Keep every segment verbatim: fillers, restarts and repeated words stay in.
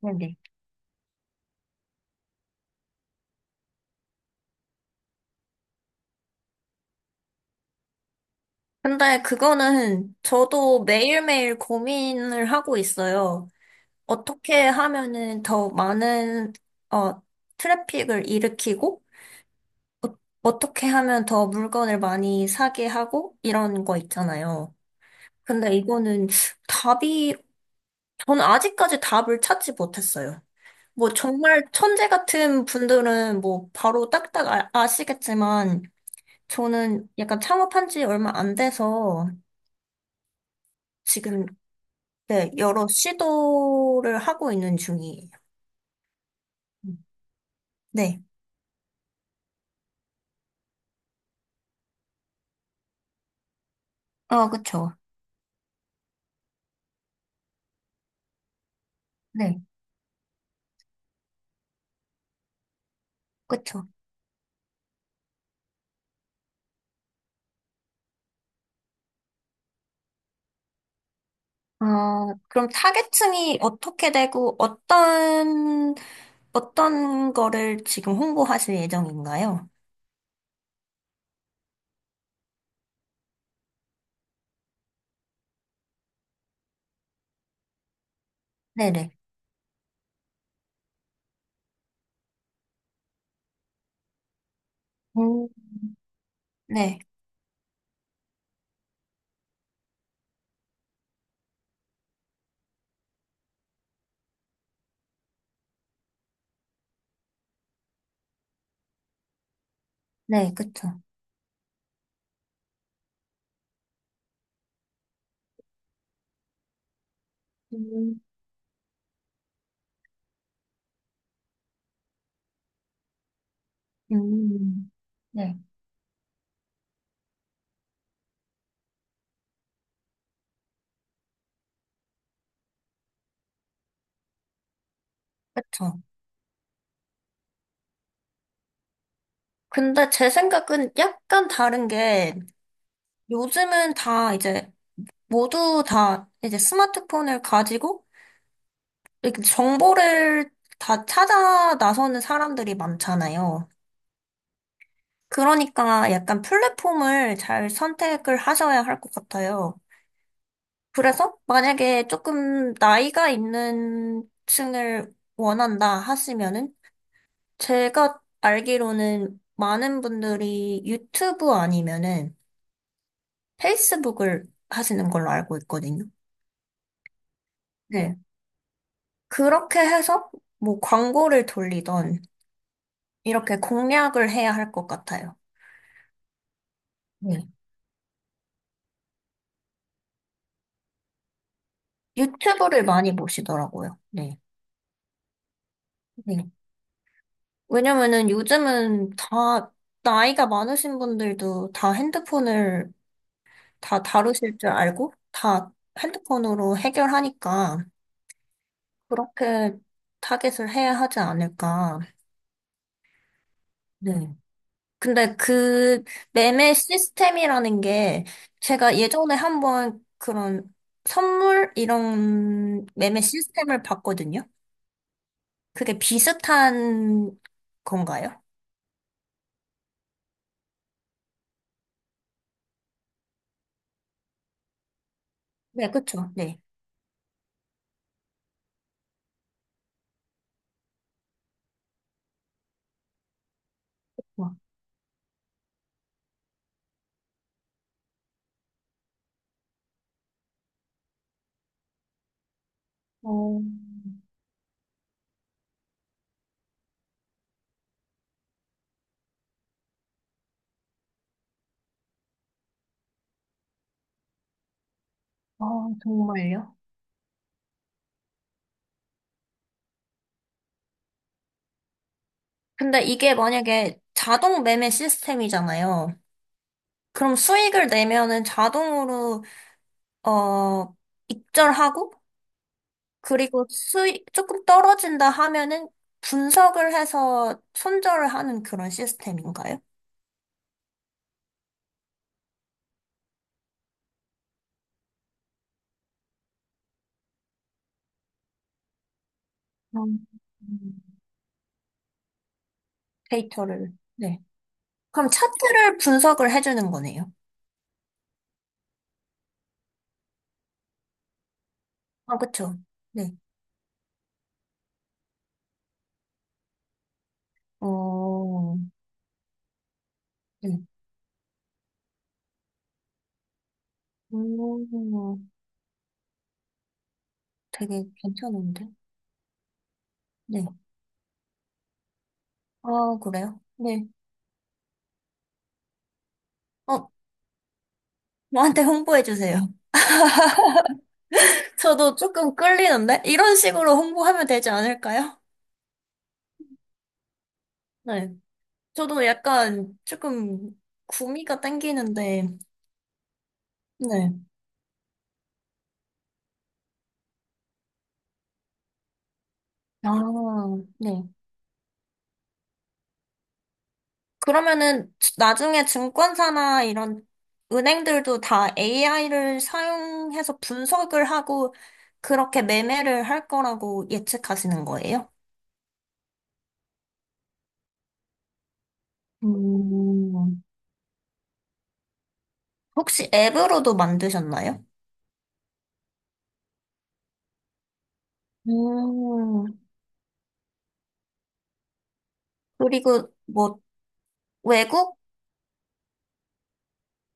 네네. 근데 그거는 저도 매일매일 고민을 하고 있어요. 어떻게 하면은 더 많은, 어, 트래픽을 일으키고, 어, 어떻게 하면 더 물건을 많이 사게 하고, 이런 거 있잖아요. 근데 이거는 답이, 저는 아직까지 답을 찾지 못했어요. 뭐 정말 천재 같은 분들은 뭐 바로 딱딱 아, 아시겠지만, 저는 약간 창업한 지 얼마 안 돼서, 지금 네, 여러 시도를 하고 있는 중이에요. 음. 네. 어, 그쵸. 네, 그쵸. 어, 그럼 타겟층이 어떻게 되고 어떤, 어떤 거를 지금 홍보하실 예정인가요? 네네. 음, 네, 네, 그쵸. 음, 음. 네, 그쵸. 근데 제 생각은 약간 다른 게 요즘은 다 이제 모두 다 이제 스마트폰을 가지고 이렇게 정보를 다 찾아 나서는 사람들이 많잖아요. 그러니까 약간 플랫폼을 잘 선택을 하셔야 할 것 같아요. 그래서 만약에 조금 나이가 있는 층을 원한다 하시면은 제가 알기로는 많은 분들이 유튜브 아니면은 페이스북을 하시는 걸로 알고 있거든요. 네. 그렇게 해서 뭐 광고를 돌리던 이렇게 공략을 해야 할 것 같아요. 네, 유튜브를 많이 보시더라고요. 네. 네. 왜냐면은 요즘은 다, 나이가 많으신 분들도 다 핸드폰을 다 다루실 줄 알고 다 핸드폰으로 해결하니까 그렇게 타겟을 해야 하지 않을까. 네. 근데 그 매매 시스템이라는 게 제가 예전에 한번 그런 선물 이런 매매 시스템을 봤거든요. 그게 비슷한 건가요? 네, 그쵸. 네. 와. 어, 아, 정말요? 근데 이게 만약에 자동 매매 시스템이잖아요. 그럼 수익을 내면은 자동으로, 어, 입절하고, 그리고 수익 조금 떨어진다 하면은 분석을 해서 손절을 하는 그런 시스템인가요? 음, 데이터를. 네. 그럼 차트를 분석을 해주는 거네요. 아, 그쵸. 네. 어, 네. 음, 되게 괜찮은데? 네. 어, 그래요? 네. 어, 저한테 홍보해 주세요. 저도 조금 끌리는데? 이런 식으로 홍보하면 되지 않을까요? 네. 저도 약간 조금 구미가 땡기는데, 네. 아, 네. 그러면은 나중에 증권사나 이런 은행들도 다 에이아이를 사용해서 분석을 하고 그렇게 매매를 할 거라고 예측하시는 거예요? 음, 혹시 앱으로도 만드셨나요? 음, 그리고 뭐 외국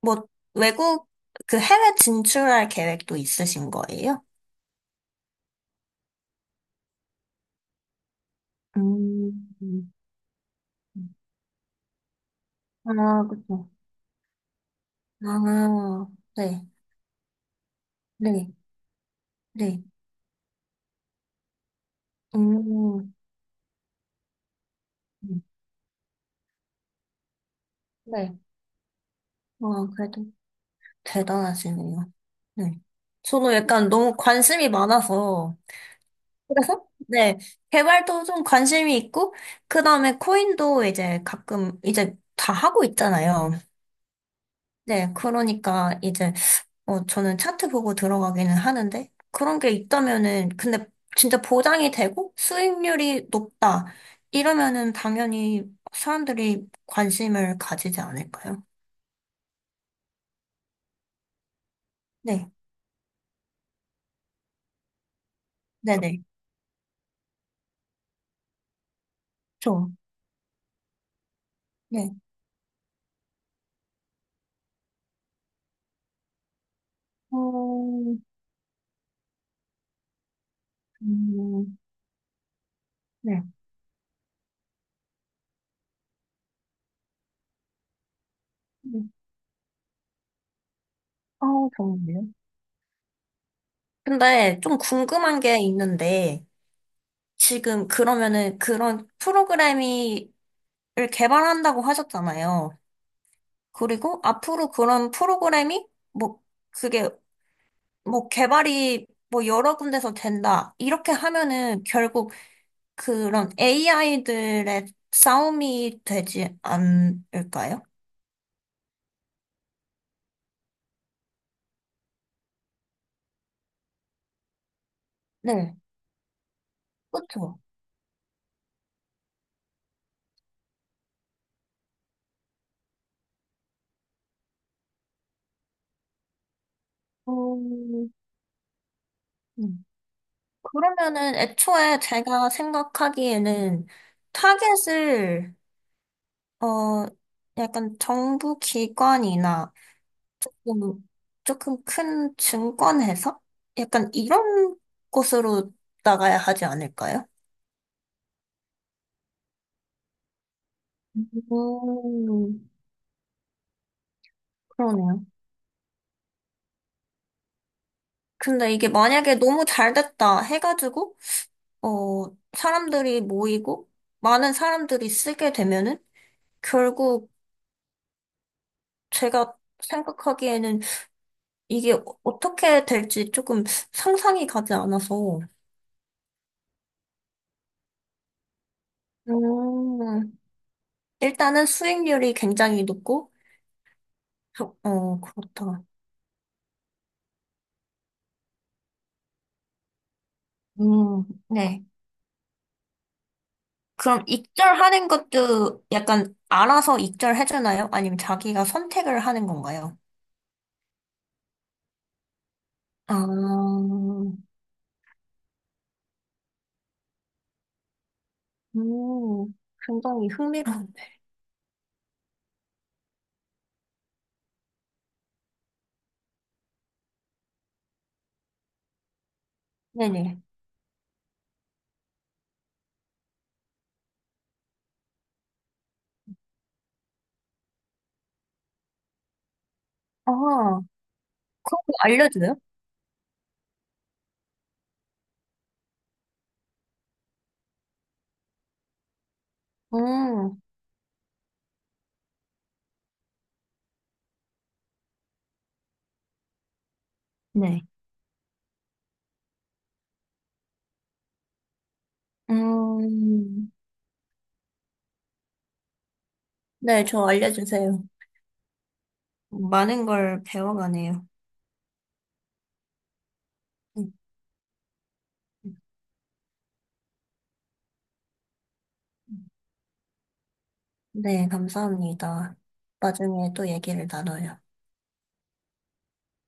뭐 외국 그 해외 진출할 계획도 있으신 거예요? 음, 음. 아, 그렇죠. 아, 네, 네, 네. 음, 음. 네. 와, 그래도 대단하시네요. 네. 저는 약간 너무 관심이 많아서, 그래서? 네. 개발도 좀 관심이 있고, 그 다음에 코인도 이제 가끔, 이제 다 하고 있잖아요. 네, 그러니까 이제 어 저는 차트 보고 들어가기는 하는데 그런 게 있다면은 근데 진짜 보장이 되고 수익률이 높다 이러면은 당연히 사람들이 관심을 가지지 않을까요? 네, 네네, 저, 네, 어, 음, 네, 아, 좋은데요? 근데 좀 궁금한 게 있는데 지금 그러면은 그런 프로그램이 를 개발한다고 하셨잖아요. 그리고 앞으로 그런 프로그램이 뭐 그게 뭐 개발이 뭐 여러 군데서 된다. 이렇게 하면은 결국 그런 에이아이들의 싸움이 되지 않을까요? 네, 그렇죠. 음, 음. 그러면은 애초에 제가 생각하기에는 타겟을 어 약간 정부 기관이나 뭐, 조금 큰 증권회사? 약간 이런 곳으로 나가야 하지 않을까요? 음, 그러네요. 근데 이게 만약에 너무 잘 됐다 해가지고, 어, 사람들이 모이고, 많은 사람들이 쓰게 되면은, 결국 제가 생각하기에는 이게 어떻게 될지 조금 상상이 가지 않아서, 음, 일단은 수익률이 굉장히 높고, 저- 어, 그렇다. 음, 네. 그럼 익절하는 것도 약간 알아서 익절해주나요? 아니면 자기가 선택을 하는 건가요? 아, 음, 굉장히 흥미로운데. 네네. 아, 그런 거 알려줘요? 음, 네. 음, 네, 저 알려주세요. 많은 걸 배워가네요. 음, 네, 감사합니다. 나중에 또 얘기를 나눠요.